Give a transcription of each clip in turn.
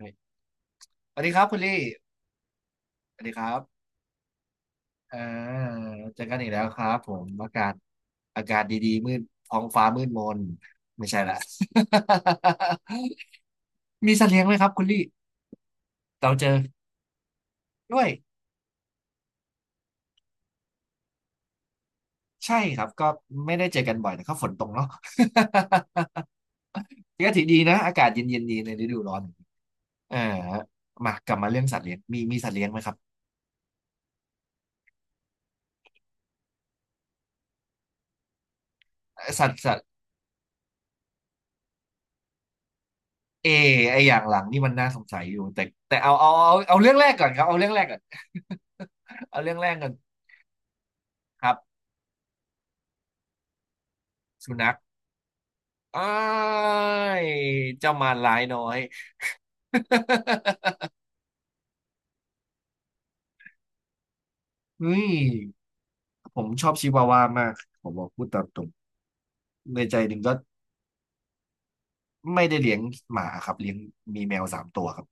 สวัสดีครับคุณลี่สวัสดีครับอ่าเจอกันอีกแล้วครับผมอากาศดีๆมืดท้องฟ้ามืดมนไม่ใช่ละ มีสัตว์เลี้ยงไหมครับคุณลี่เราเจอด้วยใช่ครับก็ไม่ได้เจอกันบ่อยแต่ก็ฝนตกเนาะ ก็ถือดีนะอากาศเย็นๆดีในฤดูร้อนเอ่ามากลับมาเรื่องสัตว์เลี้ยงมีสัตว์เลี้ยงไหมครับสัตว์เอไออย่างหลังนี่มันน่าสงสัยอยู่แต่เอาเรื่องแรกก่อนครับเอาเรื่องแรกก่อน เอาเรื่องแรกก่อน ครับสุนัขอ้ายเจ้ามารร้ายน้อย เฮ้ยผมชอบชิวาวามากผมบอกพูดตามตรงในใจหนึ่งก็ไม่ได้เลี้ยงหมาครับเลี้ยงมีแมวสามตัวครับ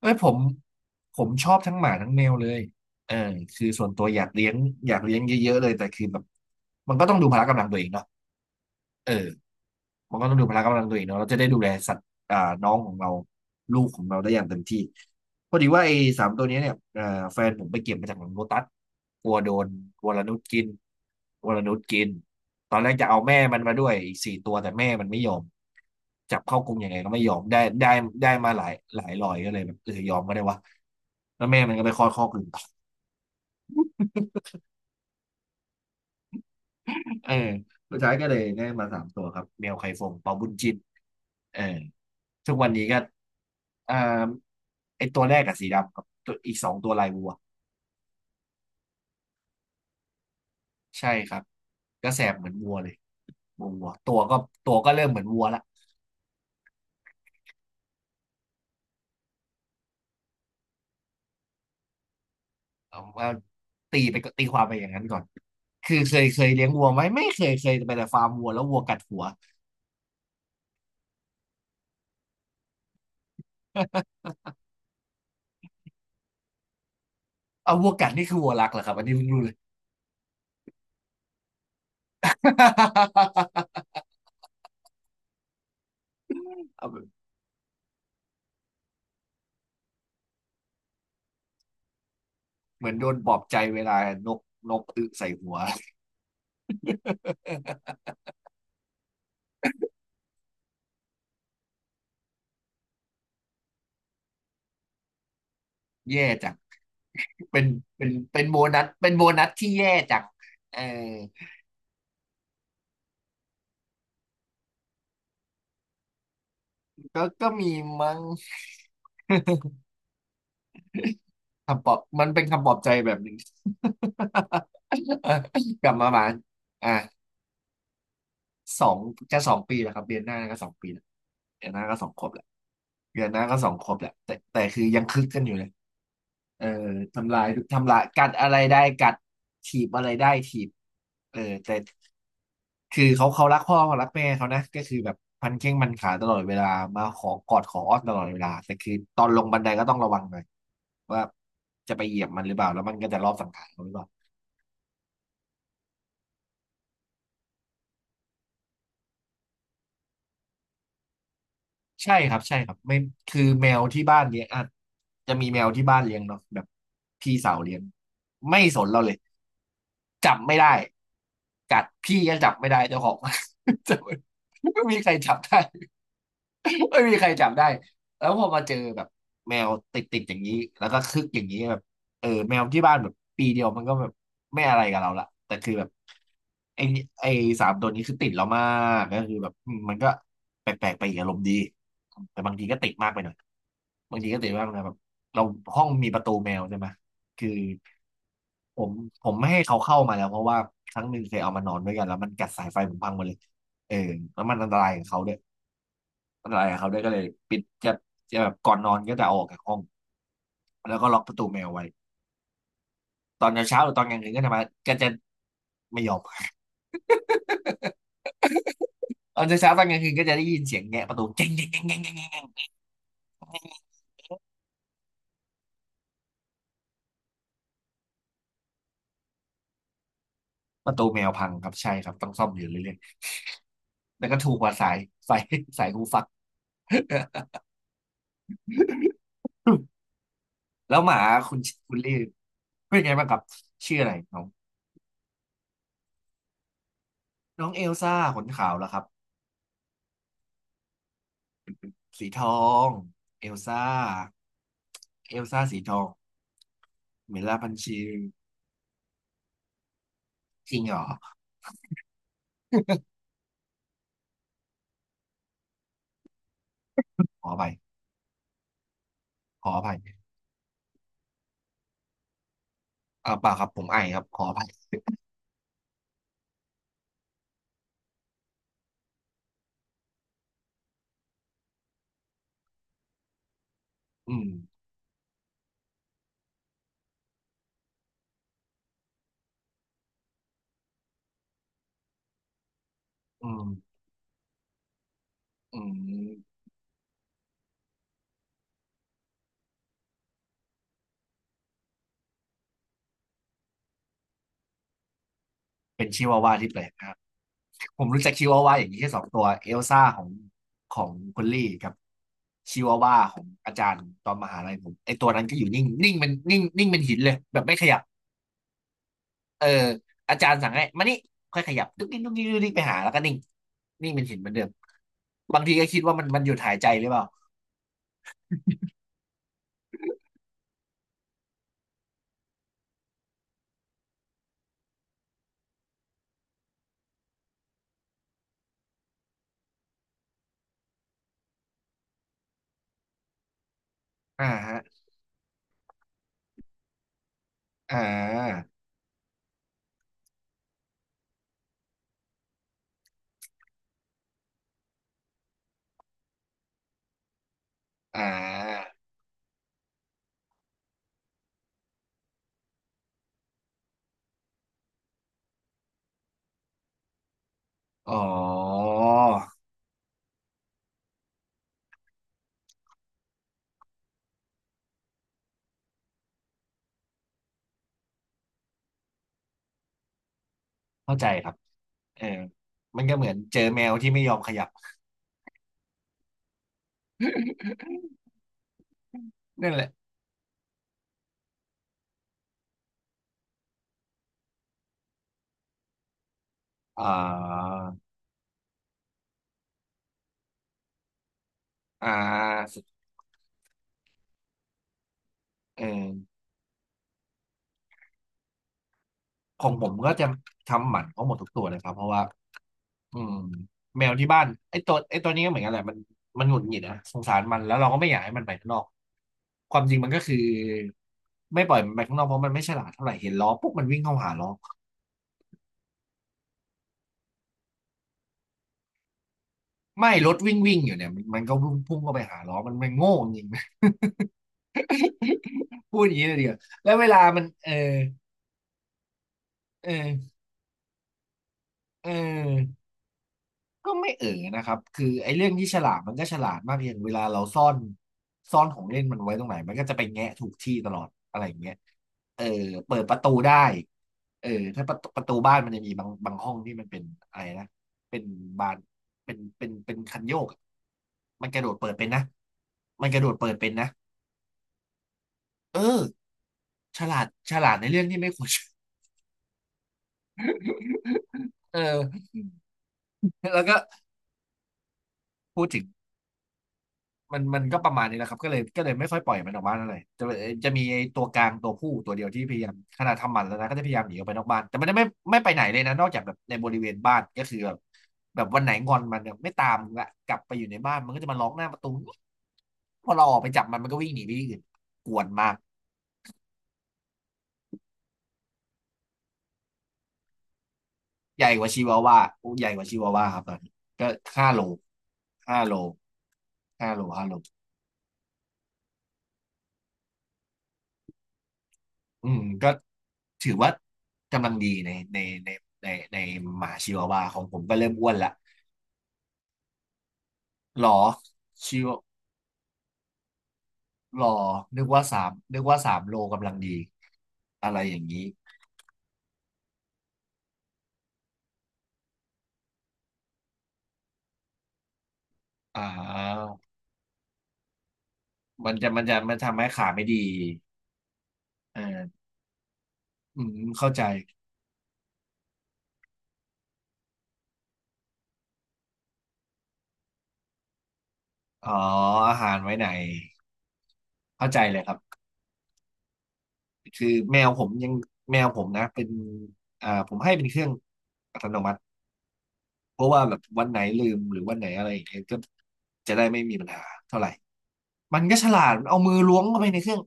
เอ้ยผมชอบทั้งหมาทั้งแมวเลยเออคือส่วนตัวอยากเลี้ยงอยากเลี้ยงเยอะๆเลยแต่คือแบบมันก็ต้องดูพละกำลังตัวเองเนาะเออ มันก็ต้องดูพละกำลังตัวเองเนาะเราจะได้ดูแลสัตว์อ่าน้องของเราลูกของเราได้อย่างเต็มที่พอดีว่าไอ้สามตัวเนี่ยแฟนผมไปเก็บมาจากหลังโลตัสกลัวโดนวรนุชกินวรนุชกินตอนแรกจะเอาแม่มันมาด้วยอีกสี่ตัวแต่แม่มันไม่ยอมจับเข้ากรงยังไงก็ไม่ยอมได้มาหลายหลายรอยก็เลยแบบเออยอมก็ได้วะแล้วแม่มันก็ไปคลอดคอกอื่นต่อ เออสุดท้ายก็เลยได้มาสามตัวครับแมวไข่ฟงเปาบุญจินเออทุกวันนี้ก็อ่าไอตัวแรกกับสีดำครับตัวอีกสองตัวลายวัวใช่ครับก็แสบเหมือนวัวเลยวัวตัวก็เริ่มเหมือนวัวละเอาว่าตีไปก็ตีความไปอย่างนั้นก่อนคือเคยเลี้ยงวัวไหมไม่เคยเคยไปแต่ฟาร์มวัวแล้ววัวกัดหัว เอาวัวกัดนี่คือวัวรักเหรอครับอันนี้เพิ่งรู้เลย เอาแบบเหมือนโดนปลอบใจเวลานกนกอึใส่หัว แย่จังเป็นเป็นโบนัส เป็นโบนัสที่แย่จังเออก็มีมั้งคำปลอบมันเป็นคำปลอบใจแบบหนึ่ง กลับมาบ้านอ่ะสอง จะ2 ปีแล้วครับเดือนหน้าก็สองปีแล้วเดือนหน้าก็สองขวบแล้วเดือนหน้าก็สองขวบแล้วแต่คือยังคึกกันอยู่เลยเออทำลาย ทำลายกัดอะไรได้กัดถีบอะไรได้ถีบแต่ คือเขารักพ่อเขารักแม่เขานะก็คือแบบพันแข้งพันขาตลอดเวลามาขอกอดขออ้อนตลอดเวลาแต่คือตอนลงบันไดก็ต้องระวังหน่อยว่าจะไปเหยียบมันหรือเปล่าแล้วมันก็จะรอบสังหารเราหรือเปล่าใช่ครับใช่ครับไม่คือแมวที่บ้านเลี้ยงอ่ะจะมีแมวที่บ้านเลี้ยงเนาะแบบพี่สาวเลี้ยงไม่สนเราเลยจับไม่ได้กัดพี่ก็จับไม่ได้เจ้าของ จับไม่ไม่มีใครจับได้ ไม่มีใครจับได้แล้วพอมาเจอแบบแมวติดอย่างนี้แล้วก็คึกอย่างนี้แบบแมวที่บ้านแบบปีเดียวมันก็แบบไม่อะไรกับเราละแต่คือแบบไอไอสามตัวนี้คือติดเรามากก็คือแบบอืมมันก็แปลกๆไปอีกอารมณ์ดีแต่บางทีก็ติดมากไปหน่อยบางทีก็ติดมากนะแบบเราห้องมีประตูแมวใช่ไหมคือผมผมไม่ให้เขาเข้ามาแล้วเพราะว่าครั้งหนึ่งเคยเอามานอนด้วยกันแล้วมันกัดสายไฟผมพังหมดเลยเออแล้วมันอันตรายกับเขาด้วย อะไรายกับเขาได้วยก็เลยปิดจะแบบก่อนนอนก็จะเอาออกจากห้องแล้วก็ล็อกประตูแมวไว้ตอนเช้าๆหรือตอนกลางคืนก็จะมาก็จะไม่ยอม ตอนเช้าๆตอนกลางคืนก็จะได้ยินเสียงแงะประตูเจ๊งเจ๊งเจ๊งเจ๊งเจ๊งเจ๊งประตูแมวพังครับใช่ครับต้องซ่อมอยู่เรื่อยๆแล้วก็ถูกกว่าสายสายสายหูฟัก แล้วหมาคุณคุณลี่เป็นไงบ้างครับชื่ออะไรน้องน้องเอลซ่าขนขาวแล้วครับสีทองเอลซ่าเอลซ่าสีทองเมล่าพันชีจริงเหรอขอไป ขออภัยเปล่าครับผมไอครับขออภัยอืมอืมอืมเป็นชิวาวาที่แปลกนะครับผมรู้จักชิวาวาอย่างนี้แค่สองตัวเอลซ่าของคุณลี่กับชิวาวาของอาจารย์ตอนมหาลัยผมไอตัวนั้นก็อยู่นิ่งนิ่งเป็นหินเลยแบบไม่ขยับเอออาจารย์สั่งให้มานี่ค่อยขยับดุ๊กดิ๊กดุ๊กดิ๊กดุ๊กดิ๊กไปหาแล้วก็นิ่งนิ่งเป็นหินเหมือนเดิมบางทีก็คิดว่ามันหยุดหายใจหรือเปล่าอ่าฮะอ่าอ่าอ๋อเข้าใจครับ เออมันก็เหมือนเจอแมวที่ไม่ยอมขยับ นั่นแหละอ่าอ่าสุดเออของผมก็จะทำหมันเขาหมดทุกตัวเลยครับเพราะว่าอืมแมวที่บ้านไอ้ตัวนี้ก็เหมือนกันแหละมันหงุดหงิดนะสงสารมันแล้วเราก็ไม่อยากให้มันไปข้างนอกความจริงมันก็คือไม่ปล่อยมันไปข้างนอกเพราะมันไม่ฉลาดเท่าไหร่เห็นล้อปุ๊บมันวิ่งเข้าหาล้อไม่รถวิ่งวิ่งอยู่เนี่ยมันก็พุ่งพุ่งเข้าไปหาล้อมันโง่จริง พูดอย่างนี้เลยเดียวแล้วเวลามันเออเออ ก็ไม่เอ๋อนะครับคือไอ้เรื่องที่ฉลาดมันก็ฉลาดมากเพียางเวลาเราซ่อนของเล่นมันไว้ตรงไหนมันก็จะไปแงะถูกที่ตลอดอะไรอย่างเงี้ยเออเปิดประตูได้เออถ้าประตูบ้านมันจะมีบางห้องที่มันเป็นอะไรนะ เป็นบานเป็นคันโยกอะมันกระโดดเปิดเป็นนะ มันกระโดดเปิดเป็นนะเออฉลาดฉลาดในเรื่องที่ไม่ควร เออแล้วก็พูดถึง มันก็ประมาณนี้แหละครับก็เลยไม่ค่อยปล่อยมันออกบ้านอะไหรจะมีไอ้ตัวกลางตัวผู้ตัวเดียวที่พยายามขนาดทำหมันแล้วนะก็จะพยายามหนีออกไปนอกบ้านแต่มันไม่ไปไหนเลยนะนอกจากแบบในบริเวณบ้านก็คือแบบแบบวันไหนงอนมันเนี่ยไม่ตามละกลับไปอยู่ในบ้านมันก็จะมาร้องหน้าประตูพอเราออกไปจับมันมันก็วิ่งหนีไปที่อื่นกวนมากใหญ่กว่าชิวาว่าโอ้ใหญ่กว่าชิวาว่าครับตอนนี้ก็ห้าโลห้าโลห้าโลห้าโล อืมก็ถือว่ากำลังดีในในในหมาชิวาวาของผมก็เริ่มอ้วนละหรอชิวหรอนึกว่าสามนึกว่าสามโลกำลังดีอะไรอย่างนี้อ่ามันทำให้ขาไม่ดีเอออืมเข้าใจอ๋ออาหารไว้ไหนเข้าใจเลยครับคือแมวผมยังแมวผมนะเป็นอ่าผมให้เป็นเครื่องอัตโนมัติ เพราะว่าแบบวันไหนลืมหรือวันไหนอะไรอย่างเงี้ยก็จะได้ไม่มีปัญหาเท่าไหร่มันก็ฉลาดมันเอามือล้วงเข้าไปในเครื่อง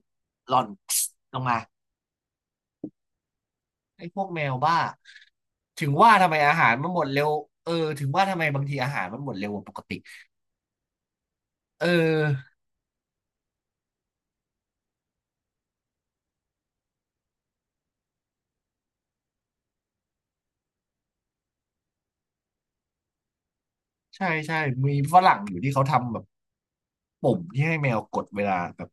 หล่อน ลงมาไอ้พวกแมวบ้าถึงว่าทำไมอาหารมันหมดเร็วเออถึงว่าทำไมบางทีอาหารมันหมดเร็วกว่าปกติเออ ใช่ใช่ มีฝรั่งอยู่ที่เขาทำแบบปุ่มที่ให้แมวกดเวลาแบบ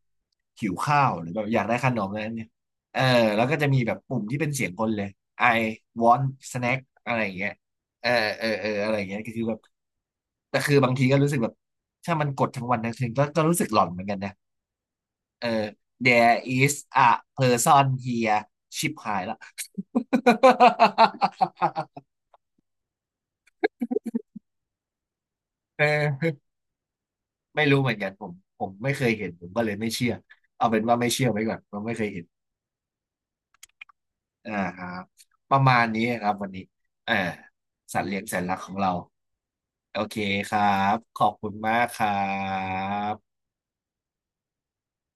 หิวข้าวหรือแบบอยากได้ขนมอะไรเนี่ยเออแล้วก็จะมีแบบปุ่มที่เป็นเสียงคนเลย I want snack อะไรอย่างเงี้ยเออเออเอออะไรอย่างเงี้ยก็คือแบบแต่คือบางทีก็รู้สึกแบบถ้ามันกดทั้งวันทั้งคืนก็ก็รู้สึกหลอนเหมือนกันนะเออ There is a person here ชิบหายละ เออ ไม่รู้เหมือนกันผมผมไม่เคยเห็นผมก็เลยไม่เชื่อเอาเป็นว่าไม่เชื่อไว้ก่อนว่าะไม่เคยเห็นอ่าครับประมาณนี้ครับวันนี้อ่าสัตว์เลี้ยงแสนรักของเราโอเคครับขอบคุณมากครับ